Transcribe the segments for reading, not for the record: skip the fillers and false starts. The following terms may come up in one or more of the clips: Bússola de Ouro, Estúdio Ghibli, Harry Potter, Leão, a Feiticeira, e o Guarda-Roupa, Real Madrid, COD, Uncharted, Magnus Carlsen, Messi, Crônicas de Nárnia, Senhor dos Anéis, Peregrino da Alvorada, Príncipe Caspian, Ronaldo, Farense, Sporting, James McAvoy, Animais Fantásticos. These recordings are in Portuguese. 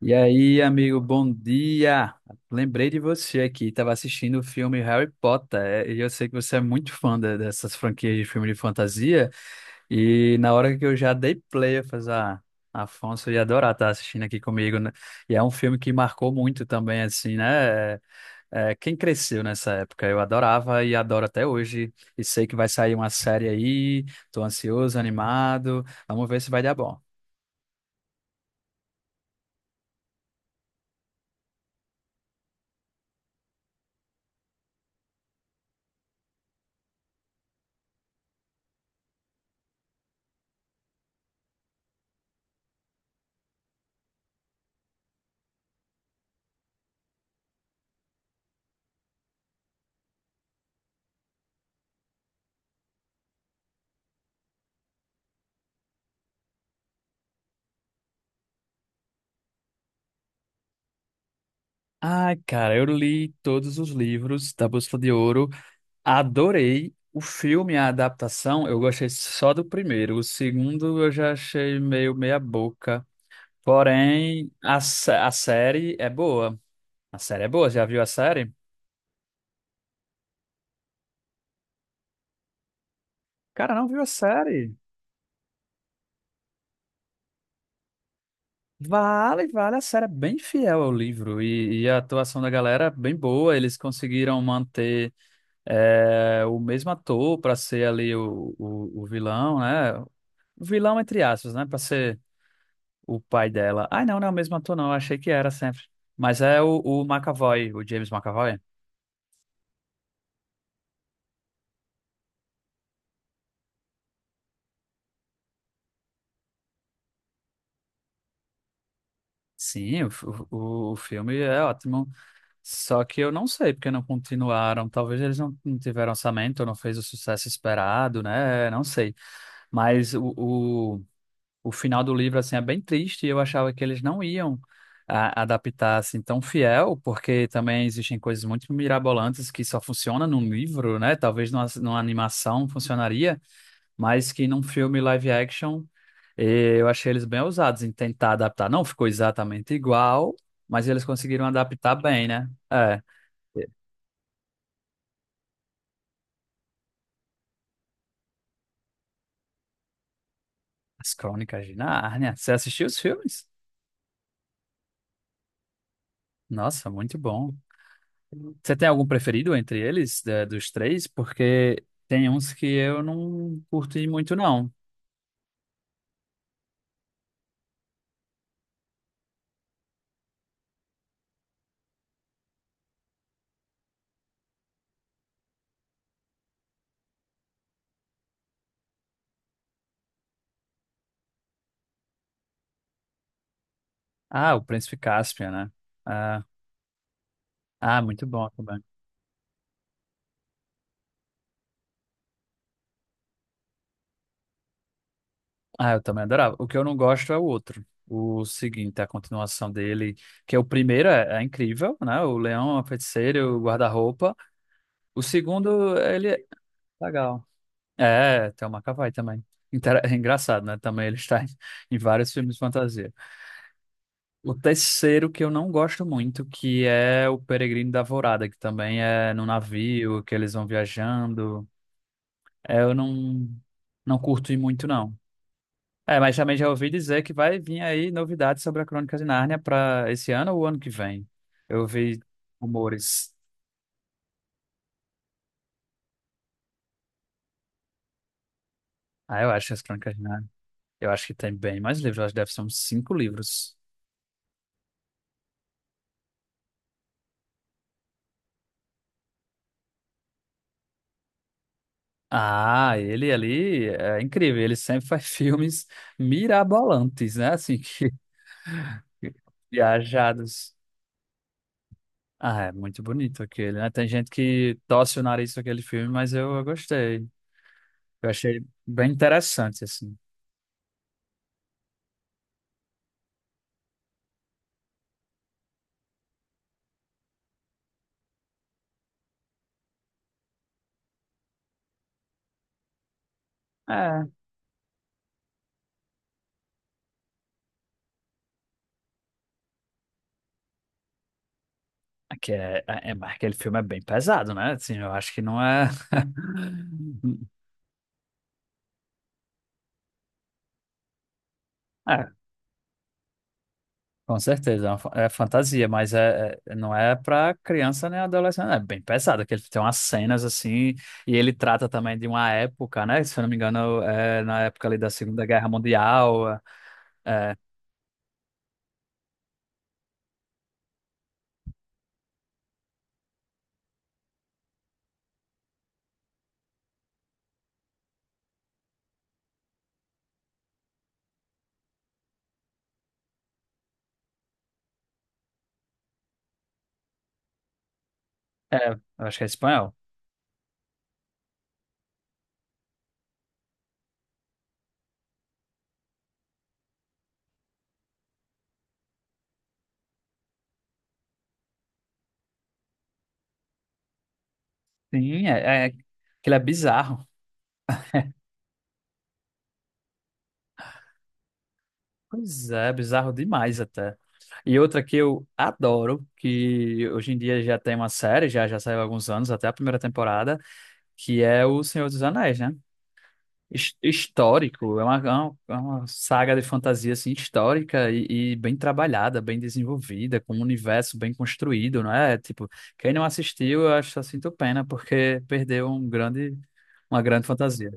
E aí, amigo, bom dia! Lembrei de você aqui, estava assistindo o filme Harry Potter, e eu sei que você é muito fã dessas franquias de filme de fantasia, e na hora que eu já dei play, eu falei, ah, Afonso ia adorar estar assistindo aqui comigo, né? E é um filme que marcou muito também, assim, né? Quem cresceu nessa época, eu adorava e adoro até hoje, e sei que vai sair uma série aí, tô ansioso, animado, vamos ver se vai dar bom. Ai, cara, eu li todos os livros da Bússola de Ouro, adorei o filme, a adaptação, eu gostei só do primeiro, o segundo eu já achei meio meia boca, porém a série é boa, já viu a série? Cara, não viu a série? Vale, vale, a série é bem fiel ao livro e a atuação da galera é bem boa, eles conseguiram manter o mesmo ator para ser ali o vilão, né? Vilão entre aspas, né? Pra ser o pai dela. Ai, não, não é o mesmo ator, não. Eu achei que era sempre. Mas é o McAvoy, o James McAvoy. Sim, o filme é ótimo. Só que eu não sei porque não continuaram. Talvez eles não, não tiveram orçamento, não fez o sucesso esperado, né? Não sei. Mas o final do livro assim é bem triste e eu achava que eles não iam adaptar assim tão fiel, porque também existem coisas muito mirabolantes que só funciona num livro, né? Talvez numa animação funcionaria, mas que num filme live action eu achei eles bem ousados em tentar adaptar. Não ficou exatamente igual, mas eles conseguiram adaptar bem, né? É. eh, As Crônicas de Nárnia. Você assistiu os filmes? Nossa, muito bom. Você tem algum preferido entre eles, dos três? Porque tem uns que eu não curti muito, não. Ah, o Príncipe Caspian, né? Ah, ah, muito bom também. Ah, eu também adorava. O que eu não gosto é o outro. O seguinte, a continuação dele, que é o primeiro é incrível, né? O Leão, a Feiticeira, e o Guarda-Roupa. O segundo, ele é legal. É, tem o McAvoy também. É engraçado, né? Também ele está em vários filmes de fantasia. O terceiro que eu não gosto muito, que é o Peregrino da Alvorada, que também é no navio, que eles vão viajando. Eu não curto muito, não. É, mas também já ouvi dizer que vai vir aí novidades sobre a Crônica de Nárnia para esse ano ou ano que vem. Eu ouvi rumores. Ah, eu acho que as Crônicas de Nárnia. Eu acho que tem bem mais livros, eu acho que deve ser uns cinco livros. Ah, ele ali é incrível, ele sempre faz filmes mirabolantes, né? Assim, que Viajados. Ah, é muito bonito aquele, né? Tem gente que torce o nariz com aquele filme, mas eu gostei. Eu achei bem interessante, assim. É, aqui mas aquele filme é bem pesado, né? Assim, eu acho que não é. É, com certeza, é, uma é fantasia, mas não é pra criança nem adolescente. É bem pesado, aquele tem umas cenas assim, e ele trata também de uma época, né? Se eu não me engano, é na época ali da Segunda Guerra Mundial. é, É, eu acho que é espanhol. Sim, aquilo é bizarro. Pois é, bizarro demais até. E outra que eu adoro, que hoje em dia já tem uma série, já saiu há alguns anos, até a primeira temporada, que é O Senhor dos Anéis, né? Histórico, é uma saga de fantasia assim, histórica e bem trabalhada, bem desenvolvida, com um universo bem construído, não é? Tipo, quem não assistiu, eu acho só sinto pena, porque perdeu um grande, uma grande fantasia.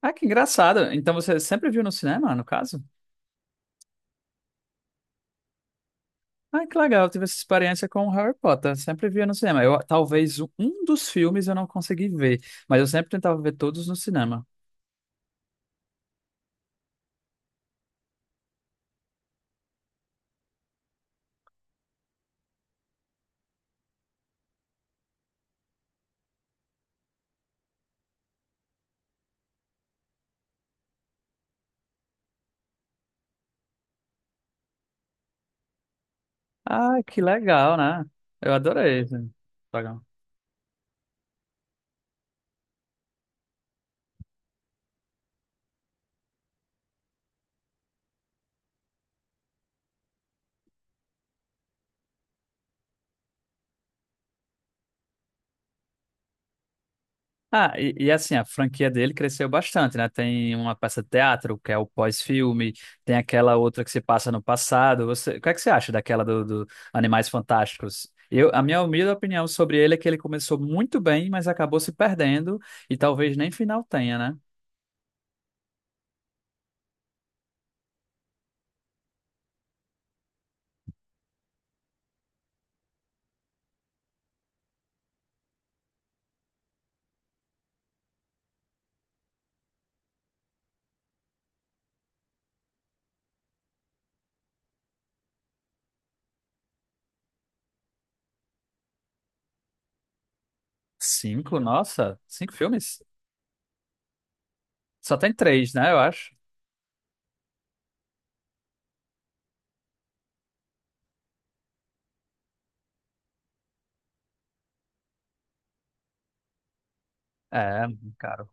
Ah, que engraçado. Então você sempre viu no cinema, no caso? Ah, que legal, eu tive essa experiência com o Harry Potter. Sempre via no cinema. Eu, talvez um dos filmes eu não consegui ver, mas eu sempre tentava ver todos no cinema. Ah, que legal, né? Eu adorei esse programa. Ah, e assim, a franquia dele cresceu bastante, né? Tem uma peça de teatro, que é o pós-filme, tem aquela outra que se passa no passado. Você, o que é que você acha daquela do Animais Fantásticos? Eu, a minha humilde opinião sobre ele é que ele começou muito bem, mas acabou se perdendo e talvez nem final tenha, né? Cinco? Nossa, cinco filmes? Só tem três, né? Eu acho. É, caro.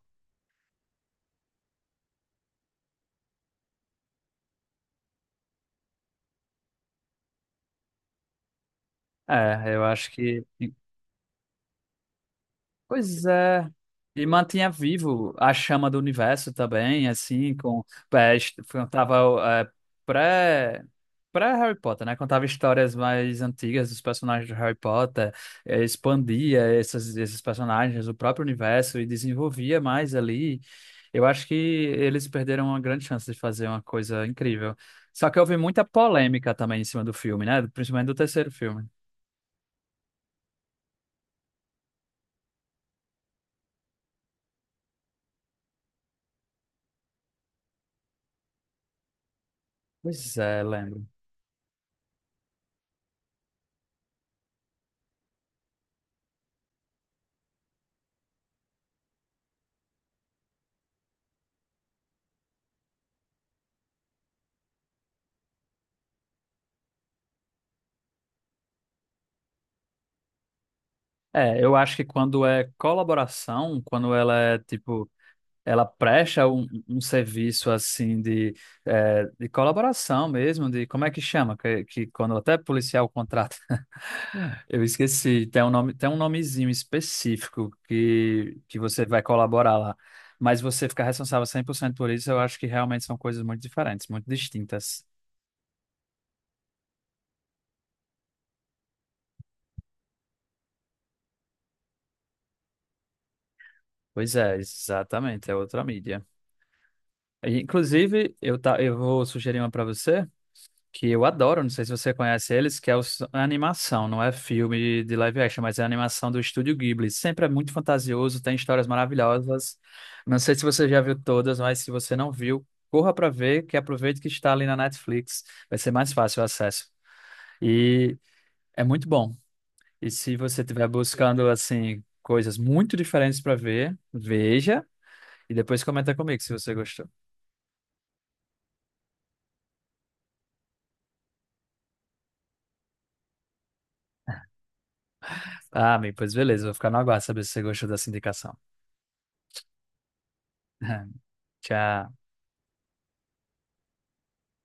É, eu acho que. Pois é. E mantinha vivo a chama do universo também, assim, com. Tava, é, pré. Pré-Harry Potter, né? Contava histórias mais antigas dos personagens de Harry Potter, expandia essas, esses personagens, o próprio universo e desenvolvia mais ali. Eu acho que eles perderam uma grande chance de fazer uma coisa incrível. Só que houve muita polêmica também em cima do filme, né? Principalmente do terceiro filme. Pois é, lembro. É, eu acho que quando é colaboração, quando ela é tipo, ela presta um serviço assim de, de colaboração mesmo, de como é que chama? Que quando até policial contrata. Eu esqueci, tem um nome, tem um nomezinho específico que você vai colaborar lá. Mas você ficar responsável 100% por cento por isso, eu acho que realmente são coisas muito diferentes, muito distintas. Pois é, exatamente, é outra mídia. E, inclusive, eu, tá, eu vou sugerir uma para você. Que eu adoro, não sei se você conhece eles, que é a animação, não é filme de live action, mas é a animação do Estúdio Ghibli. Sempre é muito fantasioso, tem histórias maravilhosas. Não sei se você já viu todas, mas se você não viu, corra para ver, que aproveite que está ali na Netflix, vai ser mais fácil o acesso. E é muito bom. E se você estiver buscando assim coisas muito diferentes para ver, veja e depois comenta comigo se você gostou. Ah, amigo, pois beleza, vou ficar no aguardo saber se você gostou dessa indicação. Tchau.